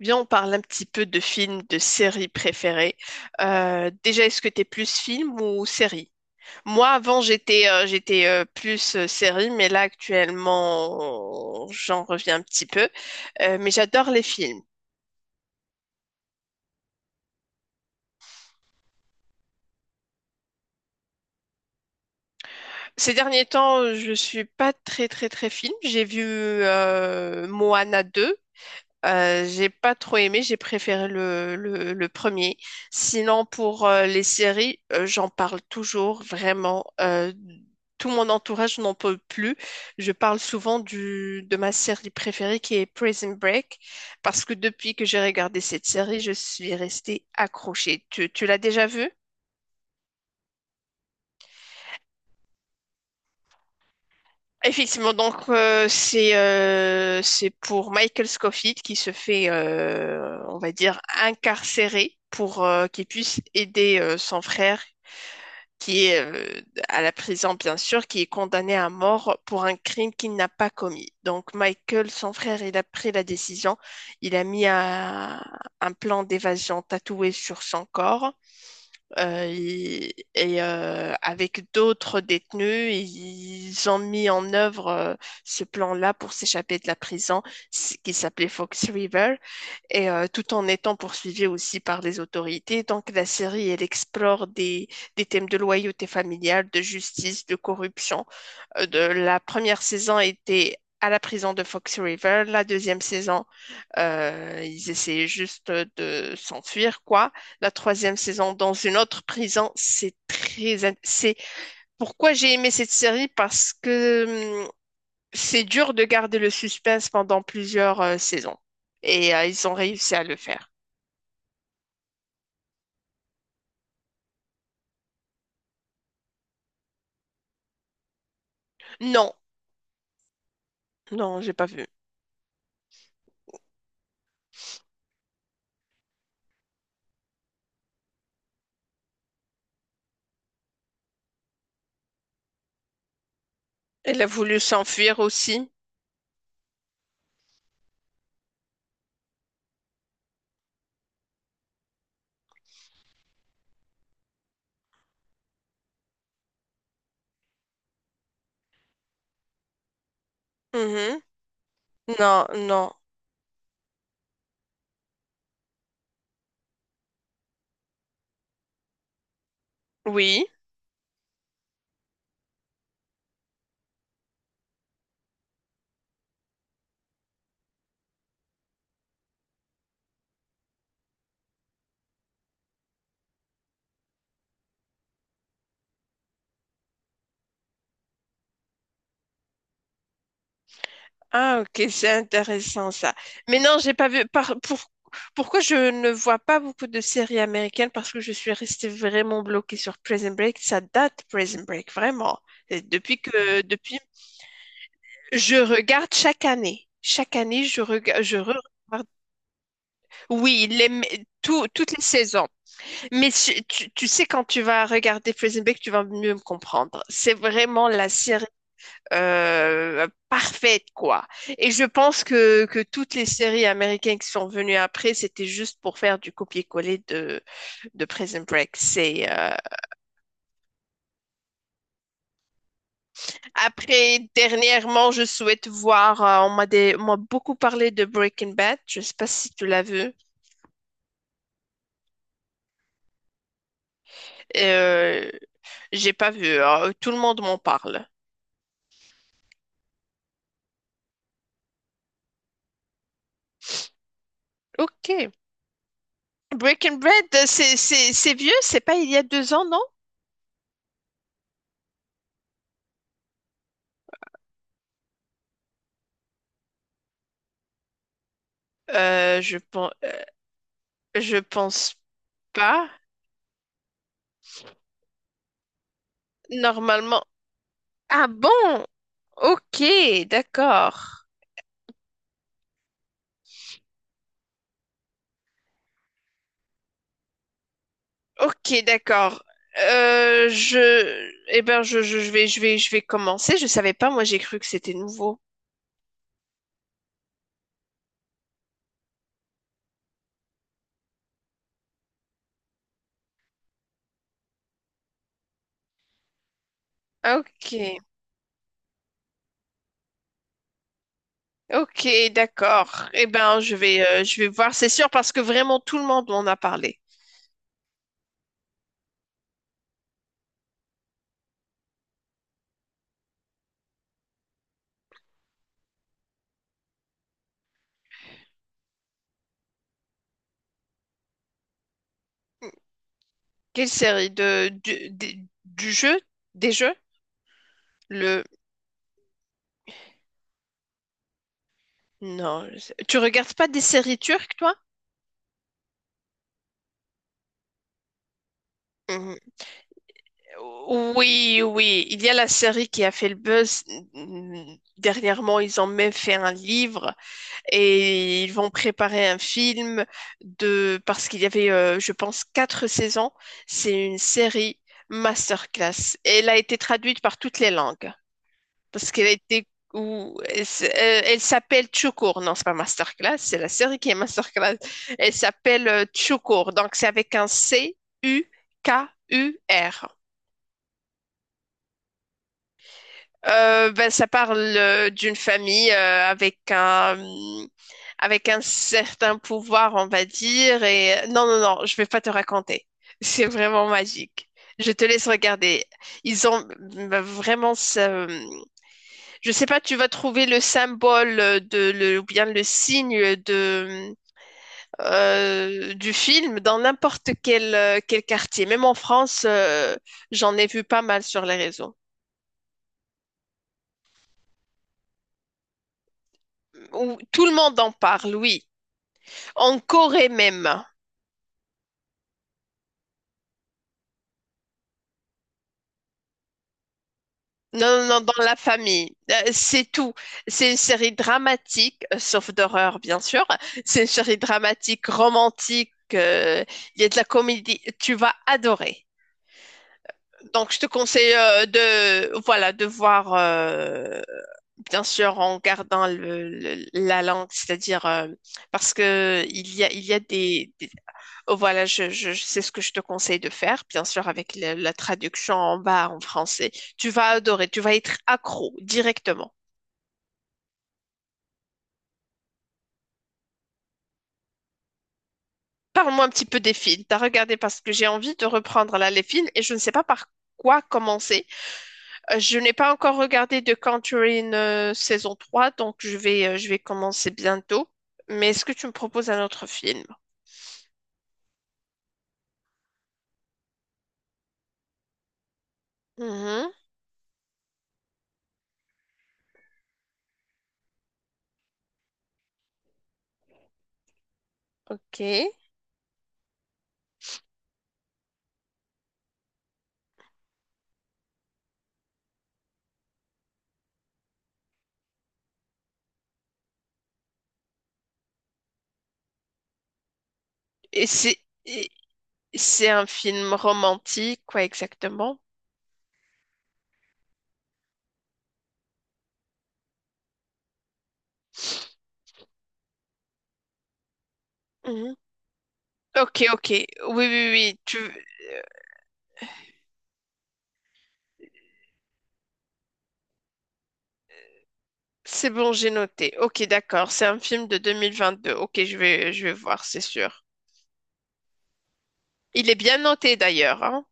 Viens, on parle un petit peu de films, de séries préférées. Déjà, est-ce que t'es plus film ou série? Moi, avant, j'étais plus série, mais là, actuellement, j'en reviens un petit peu. Mais j'adore les films. Ces derniers temps, je suis pas très, très, très film. J'ai vu Moana 2. J'ai pas trop aimé, j'ai préféré le premier. Sinon, pour les séries, j'en parle toujours, vraiment. Tout mon entourage n'en peut plus. Je parle souvent de ma série préférée qui est Prison Break, parce que depuis que j'ai regardé cette série, je suis restée accrochée. Tu l'as déjà vue? Effectivement, donc c'est pour Michael Scofield qui se fait, on va dire, incarcéré pour qu'il puisse aider son frère qui est à la prison, bien sûr, qui est condamné à mort pour un crime qu'il n'a pas commis. Donc Michael, son frère, il a pris la décision, il a mis un plan d'évasion tatoué sur son corps. Avec d'autres détenus, ils ont mis en œuvre ce plan-là pour s'échapper de la prison qui s'appelait Fox River, tout en étant poursuivis aussi par les autorités. Donc la série, elle explore des thèmes de loyauté familiale, de justice, de corruption, la première saison était à la prison de Fox River. La deuxième saison, ils essayaient juste de s'enfuir, quoi. La troisième saison, dans une autre prison, c'est pourquoi j'ai aimé cette série, parce que c'est dur de garder le suspense pendant plusieurs saisons. Ils ont réussi à le faire. Non, non, j'ai pas vu. Elle a voulu s'enfuir aussi. Mhm. Non, non. Oui. Ah, ok, c'est intéressant ça. Mais non, j'ai pas vu. Pourquoi je ne vois pas beaucoup de séries américaines? Parce que je suis restée vraiment bloquée sur Prison Break. Ça date Prison Break, vraiment. Et depuis, je regarde chaque année. Chaque année, je regarde, je regarde. Oui, les, toutes les saisons. Mais tu sais, quand tu vas regarder Prison Break, tu vas mieux me comprendre. C'est vraiment la série parfaite, quoi. Et je pense que toutes les séries américaines qui sont venues après, c'était juste pour faire du copier-coller de Prison Break. Après, dernièrement, je souhaite voir, on m'a beaucoup parlé de Breaking Bad. Je sais pas si tu l'as vu. Euh, j'ai pas vu, hein. Tout le monde m'en parle. Ok. Breaking Bad, c'est vieux, c'est pas il y a deux ans, non? Euh, je pense, je pense pas. Normalement. Ah bon? Ok, d'accord. Ok, d'accord. Je, eh ben, je vais, je vais, je vais commencer. Je savais pas, moi, j'ai cru que c'était nouveau. Ok, ok, d'accord. Eh ben, je vais voir, c'est sûr, parce que vraiment tout le monde m'en a parlé. Quelle série de, du, des- du jeu, des jeux? Le, Non, je sais- tu regardes pas des séries turques, toi? Oui, oui, il y a la série qui a fait le buzz. Mm, dernièrement, ils ont même fait un livre et ils vont préparer un film de, parce qu'il y avait, je pense, quatre saisons. C'est une série masterclass. Elle a été traduite par toutes les langues parce qu'elle a été, elle s'appelle Chukur. Non, c'est pas masterclass, c'est la série qui est masterclass. Elle s'appelle Chukur, donc c'est avec un CUKUR. Ça parle d'une famille, avec un certain pouvoir, on va dire. Et non, non, non, je vais pas te raconter. C'est vraiment magique. Je te laisse regarder. Ils ont ben, vraiment. Ça. Je sais pas, tu vas trouver le symbole de le ou bien le signe de du film dans n'importe quel quartier. Même en France, j'en ai vu pas mal sur les réseaux où tout le monde en parle. Oui. En Corée même. Non, non, non, dans la famille. C'est tout. C'est une série dramatique, sauf d'horreur, bien sûr. C'est une série dramatique, romantique. Il y a de la comédie. Tu vas adorer. Donc, je te conseille voilà, de voir. Bien sûr, en gardant la langue, c'est-à-dire parce que il y a des- oh, voilà, je sais ce que je te conseille de faire, bien sûr, avec la traduction en bas en français. Tu vas adorer, tu vas être accro directement. Parle-moi un petit peu des films. T'as regardé, parce que j'ai envie de reprendre là les films et je ne sais pas par quoi commencer. Je n'ai pas encore regardé The Conjuring saison 3, donc je vais commencer bientôt. Mais est-ce que tu me proposes un autre film? Mhm. Ok. C'est et c'est un film romantique, quoi exactement? Mhm. Ok, ok. Oui, oui, oui. Tu... C'est bon, j'ai noté. Ok, d'accord. C'est un film de 2022. Ok, je vais voir, c'est sûr. Il est bien noté d'ailleurs, hein.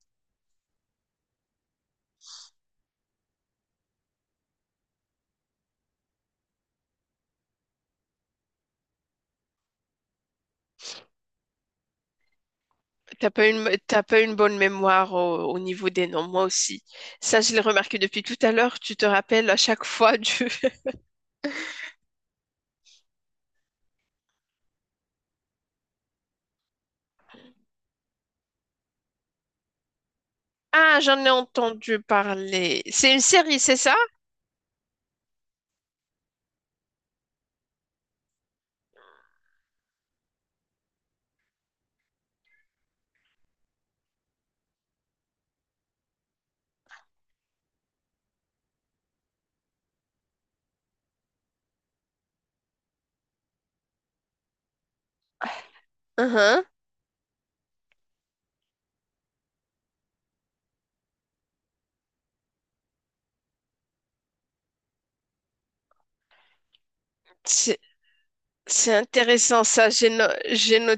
T'as pas une bonne mémoire au niveau des noms, moi aussi. Ça, je l'ai remarqué depuis tout à l'heure. Tu te rappelles à chaque fois du... Ah, j'en ai entendu parler. C'est une série, c'est ça? Mhm. C'est intéressant ça. J'ai no- j'ai no-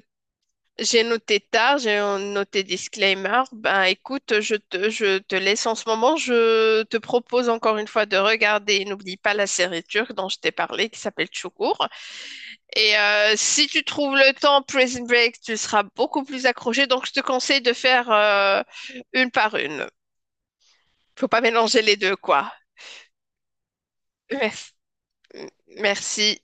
J'ai noté tard, j'ai noté disclaimer. Ben écoute, je te laisse en ce moment. Je te propose encore une fois de regarder. N'oublie pas la série turque dont je t'ai parlé qui s'appelle Çukur. Et si tu trouves le temps, Prison Break, tu seras beaucoup plus accroché. Donc je te conseille de faire une par une. Faut pas mélanger les deux, quoi. Merci. Merci.